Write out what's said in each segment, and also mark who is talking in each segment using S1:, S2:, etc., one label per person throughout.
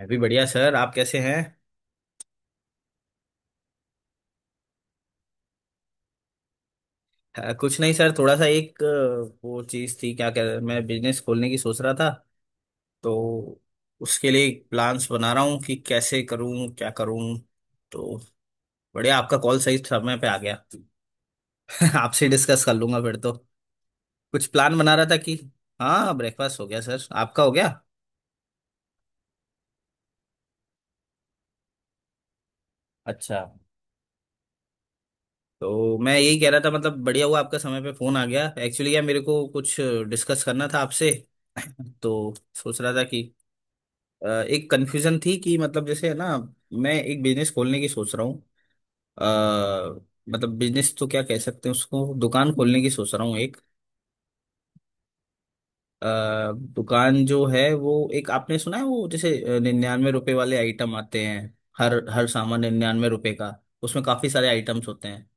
S1: मैं भी बढ़िया सर आप कैसे हैं। कुछ नहीं सर थोड़ा सा एक वो चीज़ थी क्या कह मैं बिजनेस खोलने की सोच रहा था तो उसके लिए प्लान्स बना रहा हूँ कि कैसे करूँ क्या करूँ। तो बढ़िया आपका कॉल सही समय पे आ गया। आपसे डिस्कस कर लूंगा फिर तो। कुछ प्लान बना रहा था कि। हाँ ब्रेकफास्ट हो गया सर आपका हो गया। अच्छा। तो मैं यही कह रहा था मतलब बढ़िया हुआ आपका समय पे फोन आ गया एक्चुअली यार मेरे को कुछ डिस्कस करना था आपसे। तो सोच रहा था कि एक कंफ्यूजन थी कि मतलब जैसे है ना। मैं एक बिजनेस खोलने की सोच रहा हूँ। अ, मतलब बिजनेस तो क्या कह सकते हैं उसको दुकान खोलने की सोच रहा हूँ एक। दुकान जो है वो एक आपने सुना है वो जैसे 99 रुपए वाले आइटम आते हैं। हर हर सामान 99 रुपए का। उसमें काफी सारे आइटम्स होते हैं।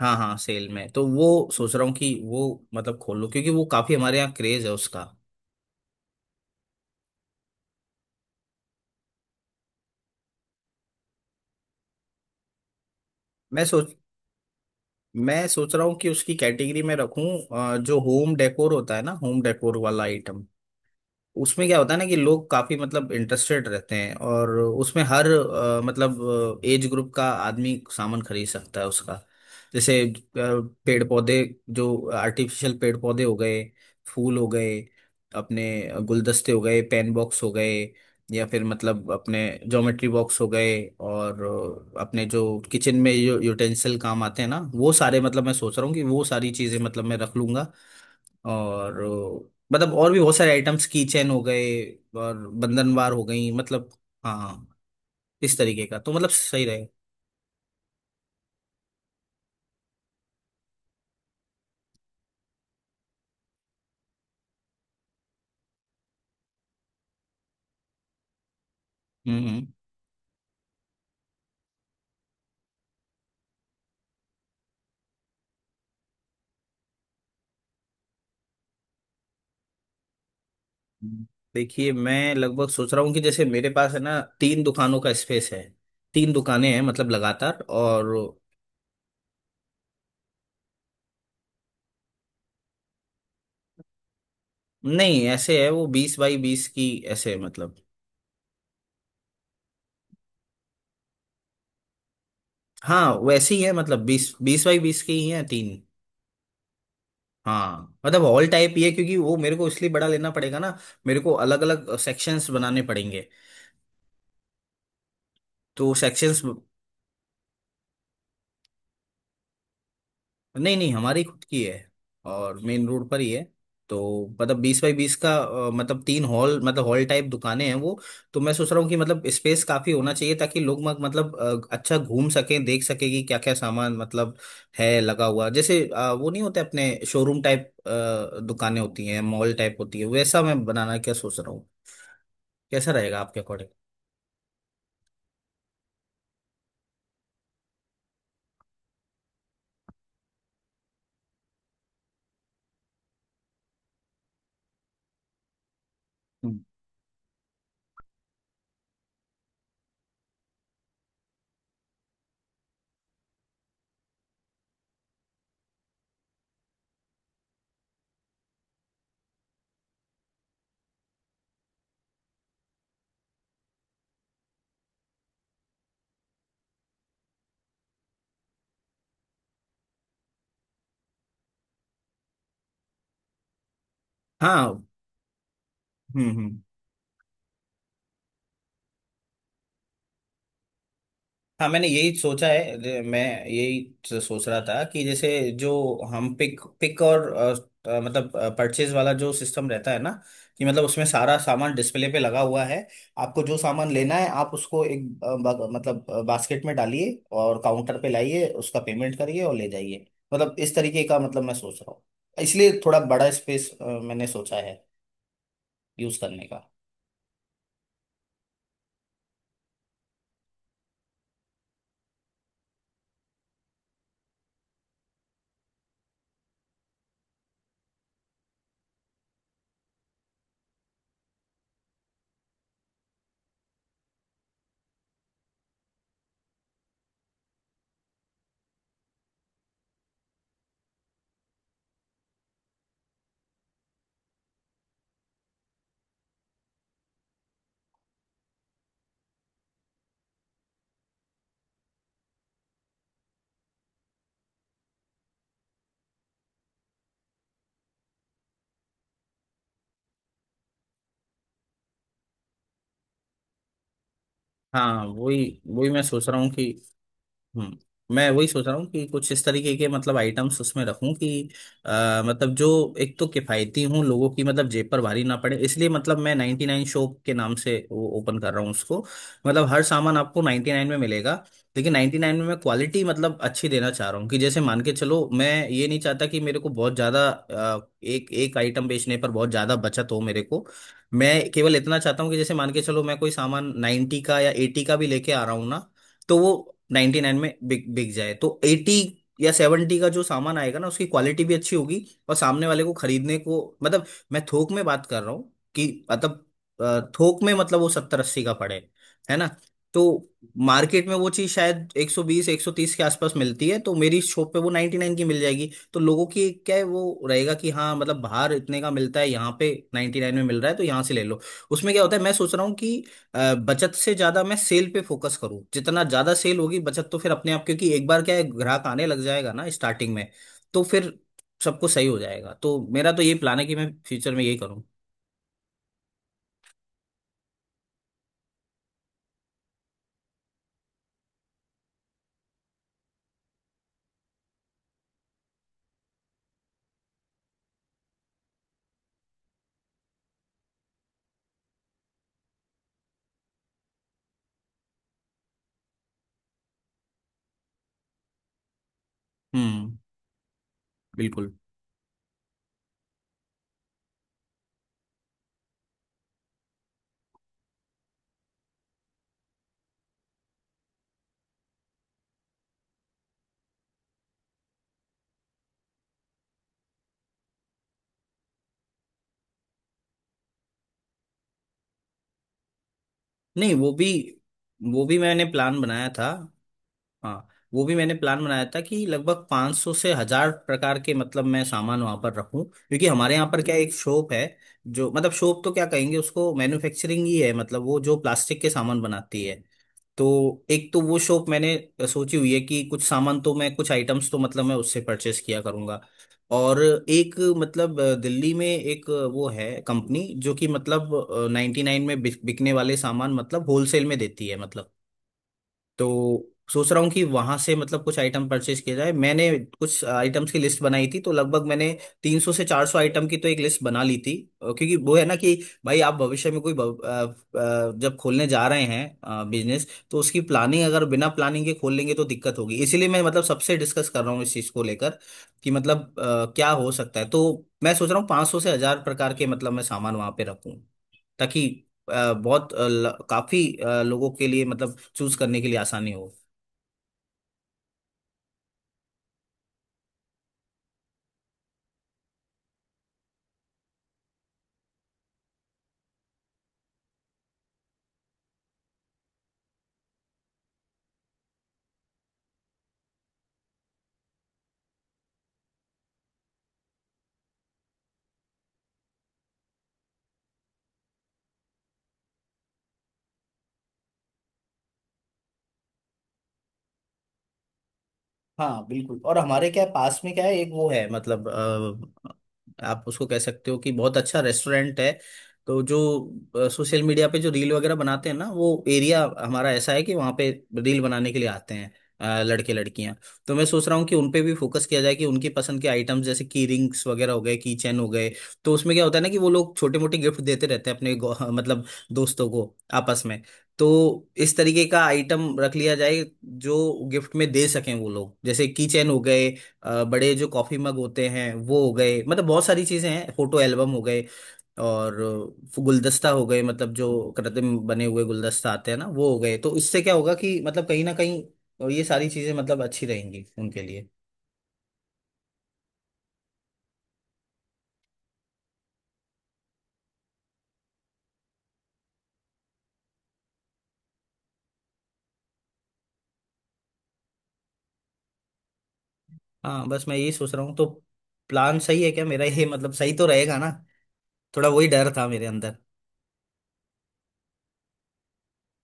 S1: हाँ हाँ सेल में तो वो सोच रहा हूँ कि वो मतलब खोल लूँ क्योंकि वो काफी हमारे यहाँ क्रेज है उसका। मैं सोच मैं सोच रहा हूँ कि उसकी कैटेगरी में रखूँ। जो होम डेकोर होता है ना होम डेकोर वाला आइटम। उसमें क्या होता है ना कि लोग काफी मतलब इंटरेस्टेड रहते हैं और उसमें हर मतलब एज ग्रुप का आदमी सामान खरीद सकता है उसका। जैसे पेड़ पौधे जो आर्टिफिशियल पेड़ पौधे हो गए फूल हो गए अपने गुलदस्ते हो गए पेन बॉक्स हो गए या फिर मतलब अपने ज्योमेट्री बॉक्स हो गए और अपने जो किचन में जो यूटेंसिल काम आते हैं ना वो सारे मतलब मैं सोच रहा हूँ कि वो सारी चीजें मतलब मैं रख लूंगा। और मतलब और भी बहुत सारे आइटम्स की चैन हो गए और बंधनवार हो गई मतलब। हाँ इस तरीके का तो मतलब सही रहे। हम्म हम्म, हम्म। देखिए मैं लगभग सोच रहा हूँ कि जैसे मेरे पास है ना तीन दुकानों का स्पेस है। तीन दुकानें हैं मतलब लगातार और। नहीं ऐसे है वो 20x20 की ऐसे मतलब। हाँ वैसे ही है मतलब बीस बीस बाई बीस की ही है तीन। हाँ मतलब हॉल टाइप ही है क्योंकि वो मेरे को इसलिए बड़ा लेना पड़ेगा ना। मेरे को अलग अलग सेक्शंस बनाने पड़ेंगे तो सेक्शंस। नहीं नहीं हमारी खुद की है और मेन रोड पर ही है। तो मतलब 20x20 का मतलब तीन हॉल मतलब हॉल टाइप दुकानें हैं वो। तो मैं सोच रहा हूँ कि मतलब स्पेस काफी होना चाहिए ताकि लोग मतलब अच्छा घूम सकें देख सके कि क्या क्या सामान मतलब है लगा हुआ जैसे वो नहीं होते अपने शोरूम टाइप दुकानें होती हैं मॉल टाइप होती है वैसा मैं बनाना क्या सोच रहा हूँ। कैसा रहेगा आपके अकॉर्डिंग। हाँ हम्म। हाँ मैंने यही सोचा है मैं यही सोच रहा था कि जैसे जो हम पिक पिक और मतलब परचेज वाला जो सिस्टम रहता है ना कि मतलब उसमें सारा सामान डिस्प्ले पे लगा हुआ है। आपको जो सामान लेना है आप उसको एक मतलब बास्केट में डालिए और काउंटर पे लाइए उसका पेमेंट करिए और ले जाइए। मतलब इस तरीके का मतलब मैं सोच रहा हूँ इसलिए थोड़ा बड़ा स्पेस मैंने सोचा है यूज करने का। हाँ वही वही मैं सोच रहा हूँ कि। मैं वही सोच रहा हूँ कि कुछ इस तरीके के मतलब आइटम्स उसमें रखूं कि मतलब जो एक तो किफ़ायती हूँ लोगों की मतलब जेब पर भारी ना पड़े इसलिए मतलब मैं 99 शॉप के नाम से वो ओपन कर रहा हूँ उसको। मतलब हर सामान आपको 99 में मिलेगा लेकिन 99 में मैं क्वालिटी मतलब अच्छी देना चाह रहा हूँ कि जैसे मान के चलो मैं ये नहीं चाहता कि मेरे को बहुत ज़्यादा एक एक आइटम बेचने पर बहुत ज़्यादा बचत हो मेरे को। मैं केवल इतना चाहता हूँ कि जैसे मान के चलो मैं कोई सामान 90 का या 80 का भी लेके आ रहा हूँ ना तो वो 99 में बिक बिक जाए तो 80 या 70 का जो सामान आएगा ना उसकी क्वालिटी भी अच्छी होगी और सामने वाले को खरीदने को मतलब मैं थोक में बात कर रहा हूँ कि मतलब थोक में मतलब वो 70-80 का पड़े है ना। तो मार्केट में वो चीज़ शायद 120 130 के आसपास मिलती है तो मेरी शॉप पे वो 99 की मिल जाएगी तो लोगों की क्या है वो रहेगा कि हाँ मतलब बाहर इतने का मिलता है यहाँ पे 99 में मिल रहा है तो यहाँ से ले लो। उसमें क्या होता है मैं सोच रहा हूँ कि बचत से ज्यादा मैं सेल पे फोकस करूं जितना ज्यादा सेल होगी बचत तो फिर अपने आप क्योंकि एक बार क्या है ग्राहक आने लग जाएगा ना स्टार्टिंग में तो फिर सबको सही हो जाएगा तो मेरा तो ये प्लान है कि मैं फ्यूचर में यही करूं। हम्म। बिल्कुल। नहीं वो भी मैंने प्लान बनाया था। हाँ वो भी मैंने प्लान बनाया था कि लगभग 500 से हजार प्रकार के मतलब मैं सामान वहां पर रखूं क्योंकि हमारे यहाँ पर क्या एक शॉप है जो मतलब शॉप तो क्या कहेंगे उसको मैन्युफैक्चरिंग ही है मतलब वो जो प्लास्टिक के सामान बनाती है। तो एक तो वो शॉप मैंने सोची हुई है कि कुछ सामान तो मैं कुछ आइटम्स तो मतलब मैं उससे परचेस किया करूंगा। और एक मतलब दिल्ली में एक वो है कंपनी जो कि मतलब 99 में बिकने वाले सामान मतलब होलसेल में देती है मतलब। तो सोच रहा हूँ कि वहां से मतलब कुछ आइटम परचेज किया जाए मैंने कुछ आइटम्स की लिस्ट बनाई थी तो लगभग मैंने 300 से 400 आइटम की तो एक लिस्ट बना ली थी। क्योंकि वो है ना कि भाई आप भविष्य में कोई जब खोलने जा रहे हैं बिजनेस तो उसकी प्लानिंग अगर बिना प्लानिंग के खोल लेंगे तो दिक्कत होगी इसीलिए मैं मतलब सबसे डिस्कस कर रहा हूँ इस चीज को लेकर कि मतलब क्या हो सकता है तो। मैं सोच रहा हूँ 500 से हजार प्रकार के मतलब मैं सामान वहां पे रखूँ ताकि बहुत काफी लोगों के लिए मतलब चूज करने के लिए आसानी हो। हाँ बिल्कुल और हमारे क्या है, पास में क्या है एक वो है मतलब आप उसको कह सकते हो कि बहुत अच्छा रेस्टोरेंट है। तो जो सोशल मीडिया पे जो रील वगैरह बनाते हैं ना वो एरिया हमारा ऐसा है कि वहाँ पे रील बनाने के लिए आते हैं लड़के लड़कियां। तो मैं सोच रहा हूँ कि उन पे भी फोकस किया जाए कि उनकी पसंद के आइटम्स जैसे की रिंग्स वगैरह हो गए की चैन हो गए तो उसमें क्या होता है ना कि वो लोग छोटे मोटे गिफ्ट देते रहते हैं अपने मतलब दोस्तों को आपस में। तो इस तरीके का आइटम रख लिया जाए जो गिफ्ट में दे सकें वो लोग जैसे की चेन हो गए बड़े जो कॉफी मग होते हैं वो हो गए मतलब बहुत सारी चीजें हैं फोटो एल्बम हो गए और गुलदस्ता हो गए मतलब जो कृत्रिम बने हुए गुलदस्ता आते हैं ना वो हो गए तो इससे क्या होगा कि मतलब कहीं ना कहीं ये सारी चीजें मतलब अच्छी रहेंगी उनके लिए। हाँ बस मैं यही सोच रहा हूँ तो प्लान सही है क्या मेरा ये मतलब सही तो रहेगा ना। थोड़ा वही डर था मेरे अंदर।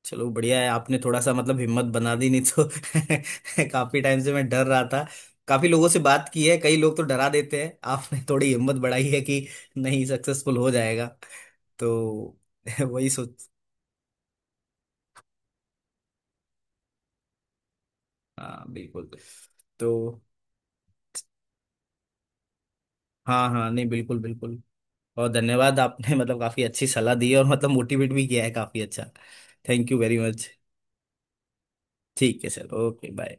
S1: चलो बढ़िया है आपने थोड़ा सा मतलब हिम्मत बना दी नहीं तो काफी टाइम से मैं डर रहा था। काफी लोगों से बात की है कई लोग तो डरा देते हैं आपने थोड़ी हिम्मत बढ़ाई है कि नहीं सक्सेसफुल हो जाएगा तो वही सोच। हाँ बिल्कुल तो। हाँ हाँ नहीं बिल्कुल बिल्कुल। और धन्यवाद आपने मतलब काफी अच्छी सलाह दी है और मतलब मोटिवेट भी किया है काफी अच्छा। Thank you very much. ठीक है सर ओके बाय।